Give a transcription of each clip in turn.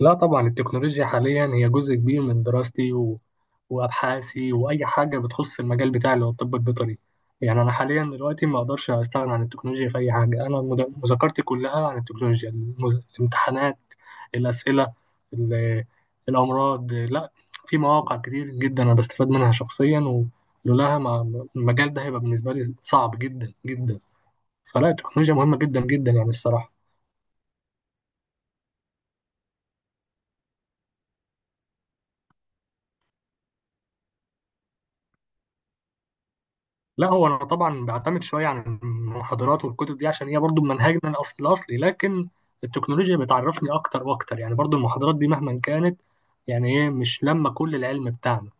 لا طبعا التكنولوجيا حاليا هي جزء كبير من دراستي وابحاثي واي حاجه بتخص المجال بتاعي اللي هو الطب البيطري. يعني انا حاليا دلوقتي ما اقدرش استغنى عن التكنولوجيا في اي حاجه، انا مذاكرتي كلها عن التكنولوجيا الامتحانات، الاسئله، ال... الامراض، لا في مواقع كتير جدا انا بستفاد منها شخصيا، ولولاها ما... المجال ده هيبقى بالنسبه لي صعب جدا جدا. فلا، التكنولوجيا مهمه جدا جدا يعني الصراحه. لا هو انا طبعا بعتمد شويه عن المحاضرات والكتب دي عشان هي برضو منهجنا الأصل الاصلي، لكن التكنولوجيا بتعرفني اكتر واكتر. يعني برضو المحاضرات دي مهما كانت، يعني ايه، مش لما كل العلم بتاعنا،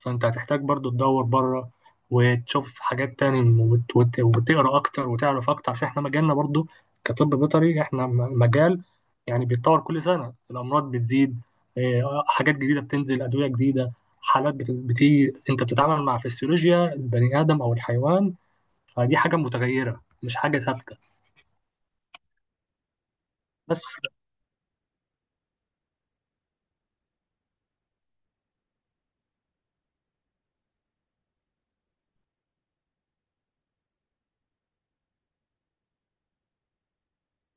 فانت هتحتاج برضو تدور بره وتشوف حاجات تاني، وتقرا اكتر وتعرف اكتر، عشان احنا مجالنا برضو كطب بيطري احنا مجال يعني بيتطور كل سنه، الامراض بتزيد، حاجات جديده بتنزل، ادويه جديده، حالات بتيجي، انت بتتعامل مع فسيولوجيا البني ادم او الحيوان، فدي حاجه متغيره مش حاجه ثابته. بس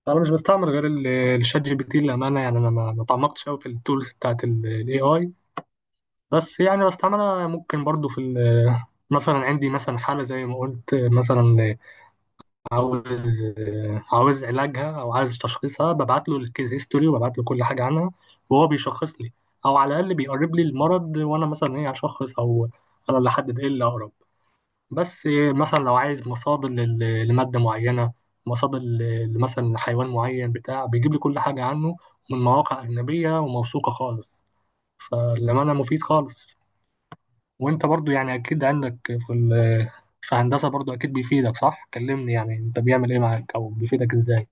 انا مش بستعمل غير الشات جي بي تي للامانه، يعني انا ما تعمقتش قوي في التولز بتاعت الاي اي. بس انا ممكن برضو في مثلا عندي مثلا حالة زي ما قلت، مثلا عاوز عاوز علاجها او عايز تشخيصها، ببعت له الكيس هيستوري وببعت له كل حاجة عنها وهو بيشخص لي، او على الاقل بيقرب لي المرض وانا مثلا ايه هشخص، او انا اللي احدد ايه اللي اقرب. بس مثلا لو عايز مصادر لمادة معينة، مصادر مثلا لحيوان معين بتاع، بيجيب لي كل حاجة عنه من مواقع أجنبية وموثوقة خالص. فالأمانة مفيد خالص. وانت برضو يعني اكيد عندك في في هندسة برضو اكيد بيفيدك، صح؟ كلمني يعني انت بيعمل ايه معاك او بيفيدك ازاي.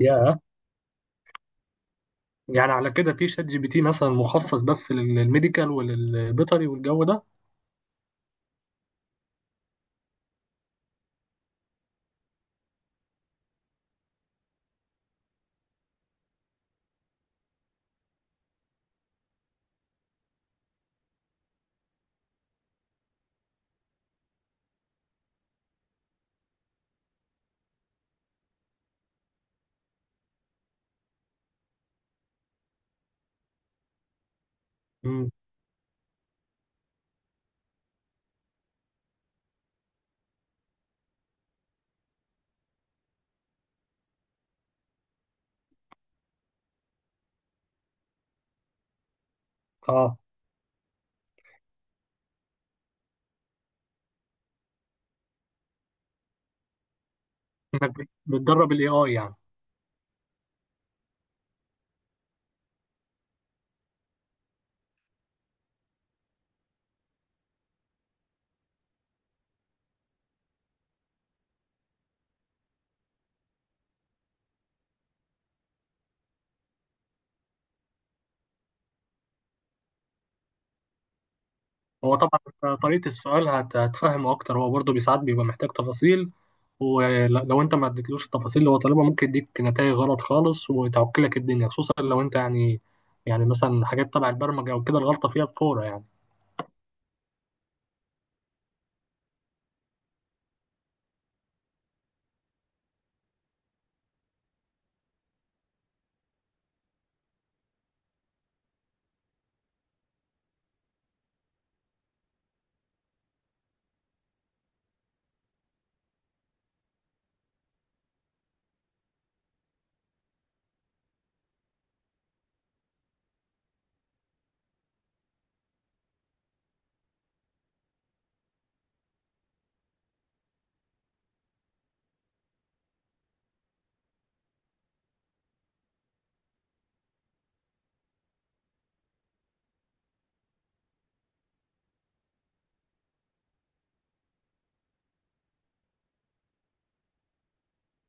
يا يعني على كده في شات جي بي تي مثلا مخصص بس للميديكال وللبيطري والجو ده؟ امم، اه، انك بتدرب الاي اي يعني. هو طبعا انت طريقة السؤال هتفهمه اكتر، هو برضو بيساعد، بيبقى محتاج تفاصيل. ولو انت ما اديتلوش التفاصيل اللي هو طالبها ممكن يديك نتائج غلط خالص وتعكلك الدنيا، خصوصا لو انت يعني، يعني مثلا حاجات تبع البرمجة او كده الغلطة فيها بفورة يعني.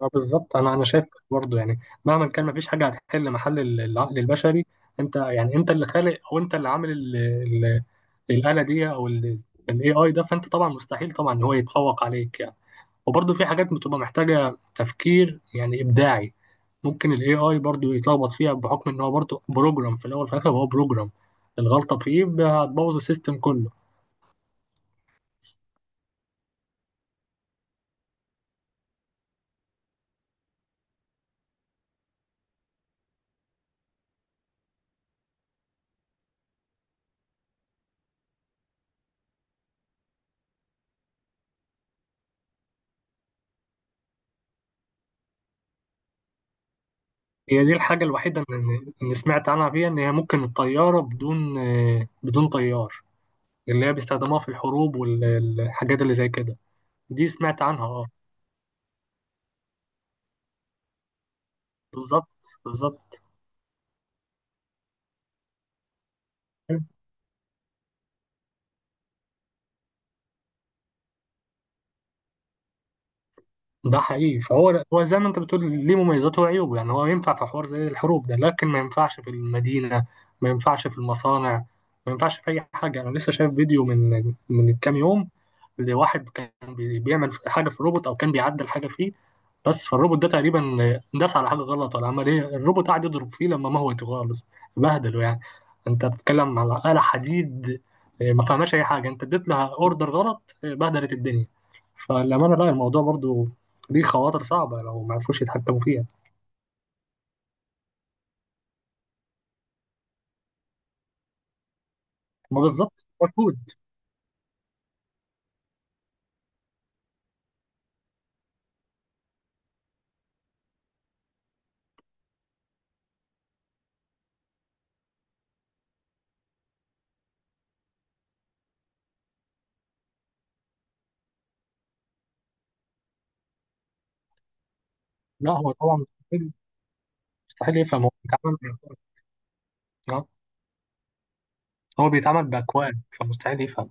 اه بالظبط، انا شايف برضه يعني مهما كان مفيش حاجه هتحل محل العقل البشري. انت يعني انت اللي خالق او انت اللي عامل الاله دي، او الاي اي ده، فانت طبعا مستحيل طبعا ان هو يتفوق عليك يعني. وبرضه في حاجات بتبقى محتاجه تفكير يعني ابداعي، ممكن الاي اي برضه يتلخبط فيها بحكم ان هو برضه بروجرام، في الاول وفي الاخر هو بروجرام، الغلطه فيه هتبوظ السيستم كله. هي دي الحاجه الوحيده اللي سمعت عنها فيها، ان هي ممكن الطياره بدون بدون طيار، اللي هي بيستخدموها في الحروب والحاجات اللي زي كده. دي سمعت عنها، اه بالظبط، بالظبط. ده حقيقي، فهو هو زي ما انت بتقول ليه مميزاته وعيوبه، يعني هو ينفع في حوار زي الحروب ده، لكن ما ينفعش في المدينة، ما ينفعش في المصانع، ما ينفعش في أي حاجة. أنا لسه شايف فيديو من كام يوم لواحد كان بيعمل حاجة في الروبوت، أو كان بيعدل حاجة فيه، بس فالروبوت ده تقريبا داس على حاجة غلط ولا عمل إيه، الروبوت قعد يضرب فيه لما موته خالص، بهدله يعني. أنت بتتكلم على آلة حديد، اه، ما فهماش أي حاجة، أنت اديت لها أوردر غلط، اه، بهدلت الدنيا. فالأمانة لا، الموضوع برضو دي خواطر صعبة لو ما عرفوش يتحكموا فيها. ما بالظبط، هو الكود. لا هو طبعا مستحيل، مستحيل يفهم، هو بيتعامل. آه. هو بيتعامل بأكواد فمستحيل يفهم.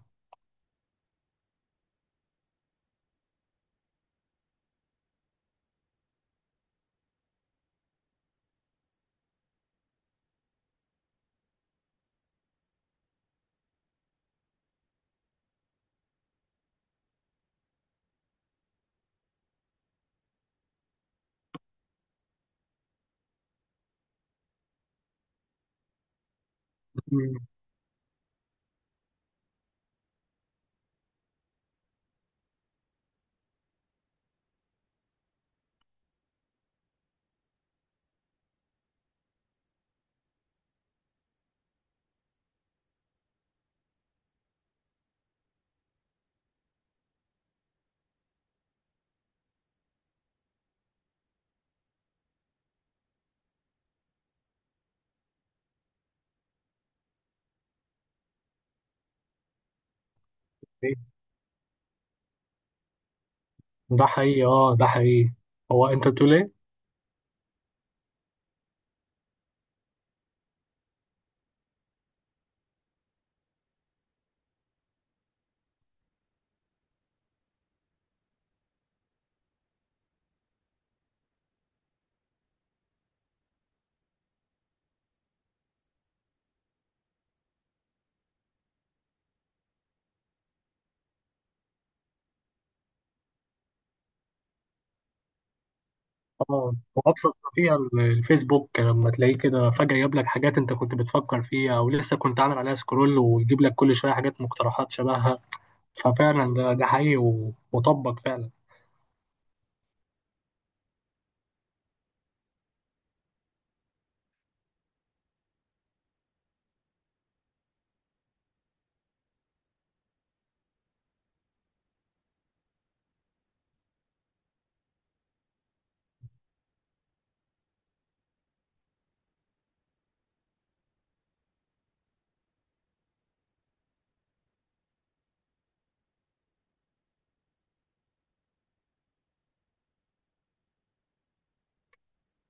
مم. إيه؟ ده حقيقي، اه ده حقيقي. هو انت بتقول ايه؟ اه، هو ابسط ما فيها الفيسبوك، لما تلاقيه كده فجأة يجيب لك حاجات انت كنت بتفكر فيها او لسه كنت عامل عليها سكرول، ويجيب لك كل شوية حاجات مقترحات شبهها. ففعلا ده ده حقيقي، وطبق فعلا.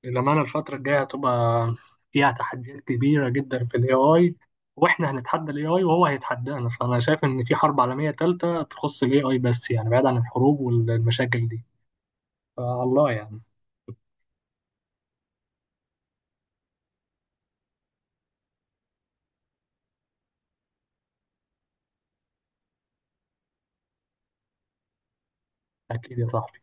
للأمانة الفترة الجاية هتبقى فيها تحديات كبيرة جدا في ال AI، وإحنا هنتحدى ال AI وهو هيتحدانا. فأنا شايف إن في حرب عالمية تالتة تخص ال AI، بس يعني بعيد عن الحروب والمشاكل دي فالله يعني. أكيد يا صاحبي.